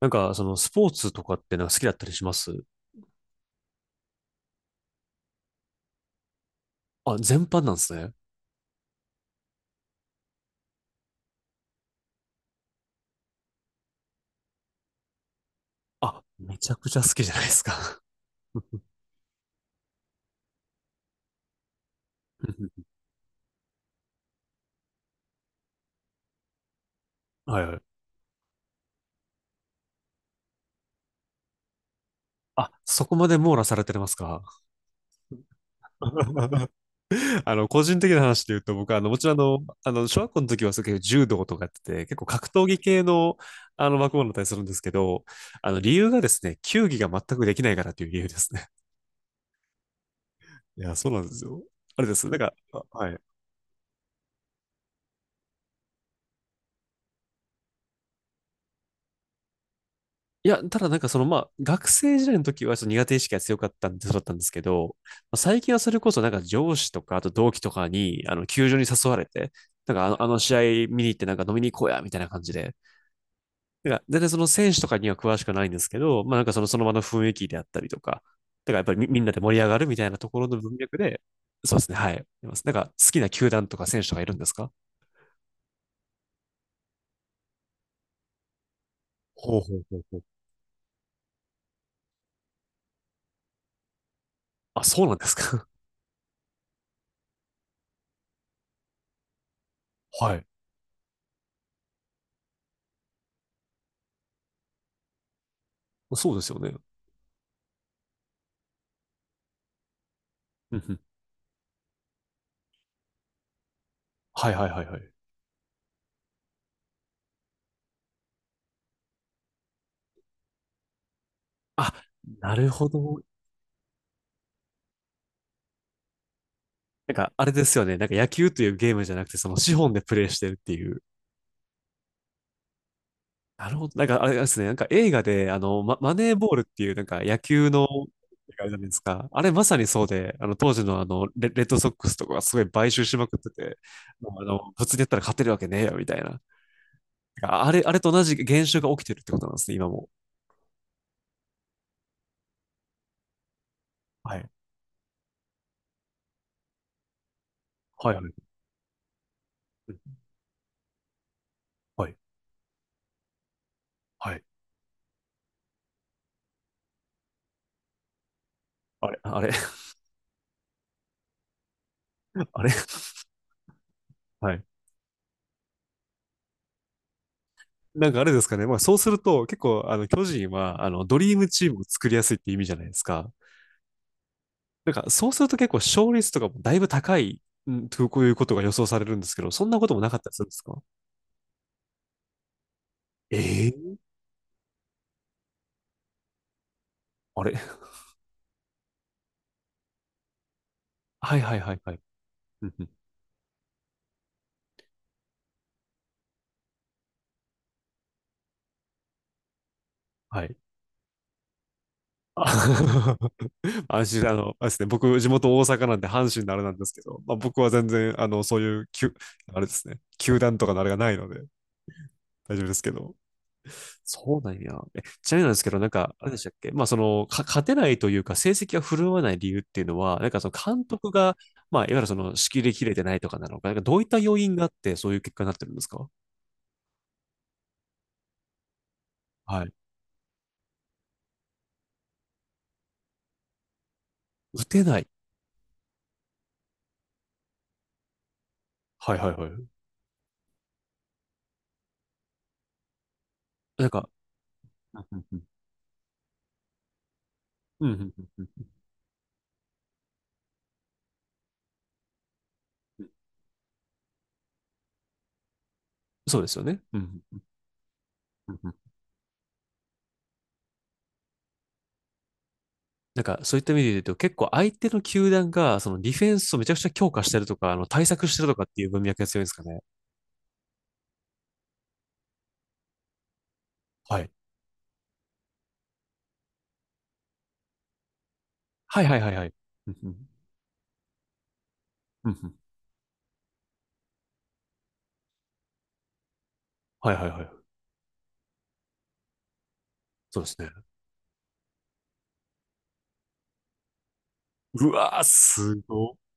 なんか、スポーツとかってなんか好きだったりします？あ、全般なんですね。あ、めちゃくちゃ好きじゃないですか。はいはい。あ、そこまで網羅されてますか？ あの、個人的な話で言うと、僕は、もちろん、小学校の時は、そういう柔道とかやってて、結構格闘技系の、枠物だったりするんですけど、理由がですね、球技が全くできないからという理由ですね。いや、そうなんですよ。あれです。なんか、あはい。いや、ただなんか学生時代の時はちょっと苦手意識が強かったんで、そうだったんですけど、まあ最近はそれこそなんか上司とか、あと同期とかに、球場に誘われて、なんかあの試合見に行ってなんか飲みに行こうや、みたいな感じで、なんか全然その選手とかには詳しくないんですけど、まあなんかその、その場の雰囲気であったりとか、だからやっぱりみんなで盛り上がるみたいなところの文脈で、そうですね、はい。いますなんか好きな球団とか選手とかいるんですか？ほうほうほうほう。あ、そうなんですか。はい。そうですよね。うんうん。はいはいはいはい。あ、なるほど。なんか、あれですよね。なんか野球というゲームじゃなくて、その資本でプレイしてるっていう。なるほど。なんか、あれですね。なんか映画で、マネーボールっていう、なんか野球の、あれじゃないですか。あれまさにそうで、当時のレッドソックスとかがすごい買収しまくってて、もう普通にやったら勝てるわけねえよ、みたいな。なんかあれと同じ現象が起きてるってことなんですね、今も。はい。はい、はい。はい。はい。あれ、あれ、あれ。はい。なんかあれですかね。まあそうすると結構あの巨人はあのドリームチームを作りやすいって意味じゃないですか。なんかそうすると結構勝率とかもだいぶ高い、うんとこういうことが予想されるんですけど、そんなこともなかったりするんですか？ええー。あれ。はいはいはいはい。うんうん。はい。あ。 安心、あの、あれですね、僕、地元大阪なんで阪神のあれなんですけど、まあ、僕は全然、あの、そういう、あれですね、球団とかのあれがないので、大丈夫ですけど。そうなんや。え、ちなみになんですけど、なんか、あれでしたっけ、まあ、その、勝てないというか、成績が振るわない理由っていうのは、なんかその監督が、まあ、いわゆるその、仕切り切れてないとかなのか、なんかどういった要因があって、そういう結果になってるんですか？はい。打てない。はいはいはい。なんか、うんうんうんうんうん。うんうん。そうですよね。うんうんうんうん。なんか、そういった意味で言うと、結構相手の球団が、その、ディフェンスをめちゃくちゃ強化してるとか、対策してるとかっていう文脈が強いんですかね。はい。はいはいはいはい。うんうんうんうん。はいはいはい。そうですね。うわー、すごい。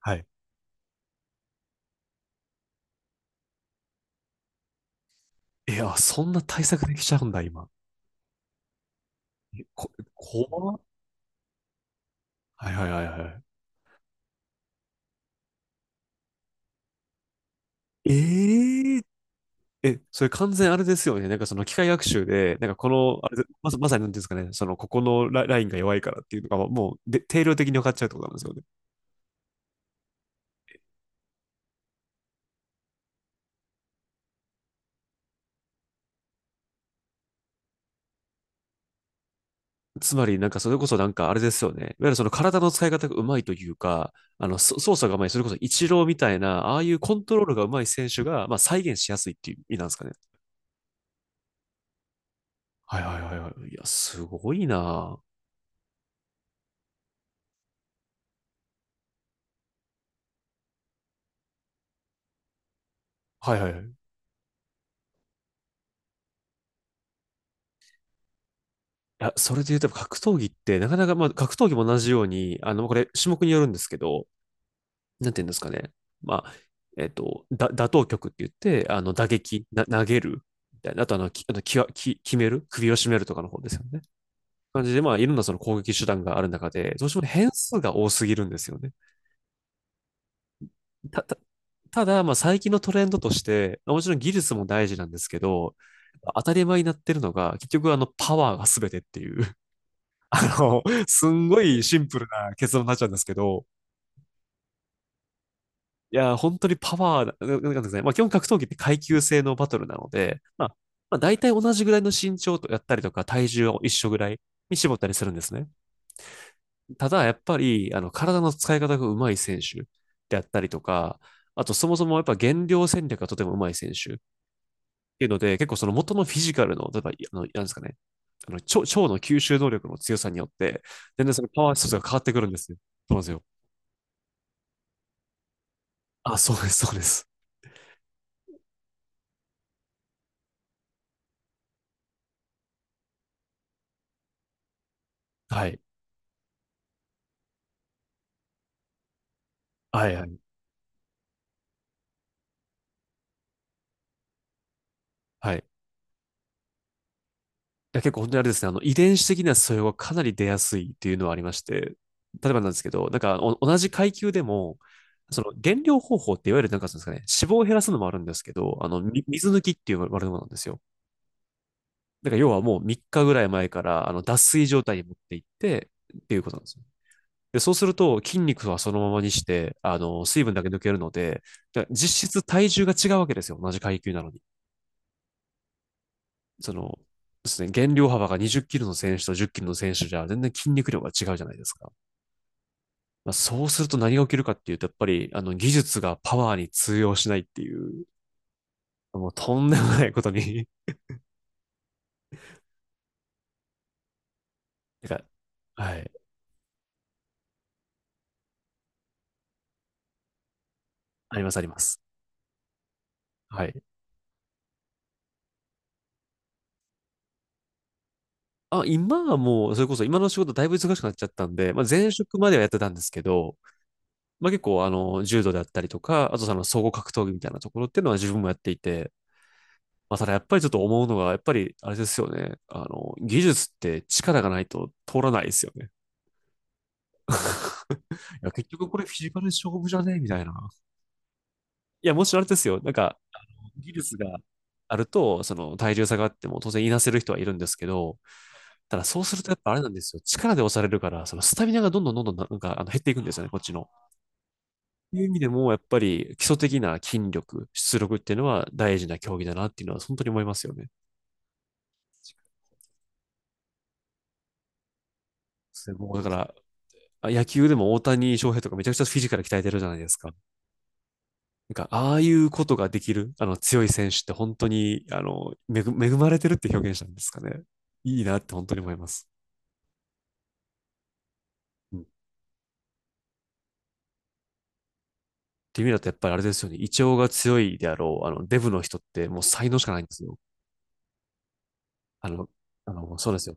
はい。いや、そんな対策できちゃうんだ、今。怖っ。はいはいはいはい。え。ええ、それ完全あれですよね。なんかその機械学習で、なんかこの、あれ、まさに何ですかね、そのここのラインが弱いからっていうのがもうで定量的に分かっちゃうってことなんですよね。つまりなんかそれこそなんかあれですよね。いわゆるその体の使い方がうまいというか、あの、操作がうまい、それこそイチローみたいな、ああいうコントロールがうまい選手が、まあ再現しやすいっていう意味なんですかね。はいはいはいはい。いや、すごいな。はいはいはい。いや、それで言うと、格闘技って、なかなか、まあ、格闘技も同じように、あの、これ、種目によるんですけど、なんていうんですかね。まあ、打倒曲って言って、あの、打撃、投げる、みたいな。あと、あの、き、あの、きわ、き、決める、首を絞めるとかの方ですよね。感じで、まあ、いろんなその攻撃手段がある中で、どうしても変数が多すぎるんですよね。た、た、ただ、まあ、最近のトレンドとして、まあもちろん技術も大事なんですけど、当たり前になってるのが、結局、あの、パワーが全てっていう。あのすんごいシンプルな結論になっちゃうんですけど、いや、本当にパワー、なんかですね、まあ基本格闘技って階級制のバトルなので、まあ、まあ大体同じぐらいの身長とやったりとか体重は一緒ぐらいに絞ったりするんですね。ただやっぱり、あの、体の使い方が上手い選手であったりとか、あとそもそもやっぱ減量戦略がとてもうまい選手っていうので、結構その元のフィジカルの、例えば、あの、なんですかね、あの、腸の吸収能力の強さによって、全然そのパワー指数が変わってくるんですよ。そうなんですよ。あ、そうです、そうです。はい。はい、はい、はい。いや、結構本当にあれですね、あの、遺伝子的な素養がかなり出やすいっていうのはありまして、例えばなんですけど、なんか同じ階級でも、その減量方法っていわゆるなんかそうですかね、脂肪を減らすのもあるんですけど、あの、水抜きっていう悪いものなんですよ。だから要はもう3日ぐらい前から、あの、脱水状態に持っていってっていうことなんですよ。で、そうすると筋肉はそのままにして、あの、水分だけ抜けるので、だから実質体重が違うわけですよ、同じ階級なのに。その、ですね、減量幅が20キロの選手と10キロの選手じゃ全然筋肉量が違うじゃないですか。まあ、そうすると何が起きるかっていうと、やっぱりあの技術がパワーに通用しないっていう、もうとんでもないことに。 なんか、はい、ありますあります。はい。あ、今はもう、それこそ今の仕事だいぶ忙しくなっちゃったんで、まあ、前職まではやってたんですけど、まあ、結構あの、柔道であったりとか、あとその総合格闘技みたいなところっていうのは自分もやっていて、まあ、ただやっぱりちょっと思うのが、やっぱりあれですよね。あの、技術って力がないと通らないですよね。いや、結局これフィジカル勝負じゃねみたいな。いや、もちろんあれですよ。なんか、技術があると、その体重差があっても当然いなせる人はいるんですけど、ただそうするとやっぱあれなんですよ。力で押されるから、そのスタミナがどんどんどんどんなんかあの減っていくんですよね、こっちの。という意味でも、やっぱり基礎的な筋力、出力っていうのは大事な競技だなっていうのは本当に思いますよね。そうですね、もうだから、あ、野球でも大谷翔平とかめちゃくちゃフィジカル鍛えてるじゃないですか。なんか、ああいうことができる、あの、強い選手って本当に、あの、恵まれてるって表現したんですかね。いいなって本当に思います。うん。っていう意味だとやっぱりあれですよね。胃腸が強いであろう、あの、デブの人ってもう才能しかないんですよ。あの、あの、そうですよ。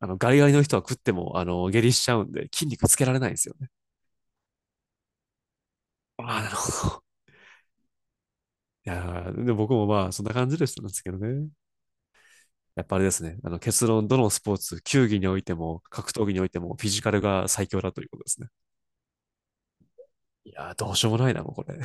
あの、ガリガリの人は食っても、あの、下痢しちゃうんで、筋肉つけられないんですよね。ああ、なるほど。いやーで僕もまあ、そんな感じでしたんですけどね。やっぱあれですね。あの結論、どのスポーツ、球技においても、格闘技においても、フィジカルが最強だということですね。いやー、どうしようもないな、もうこれ。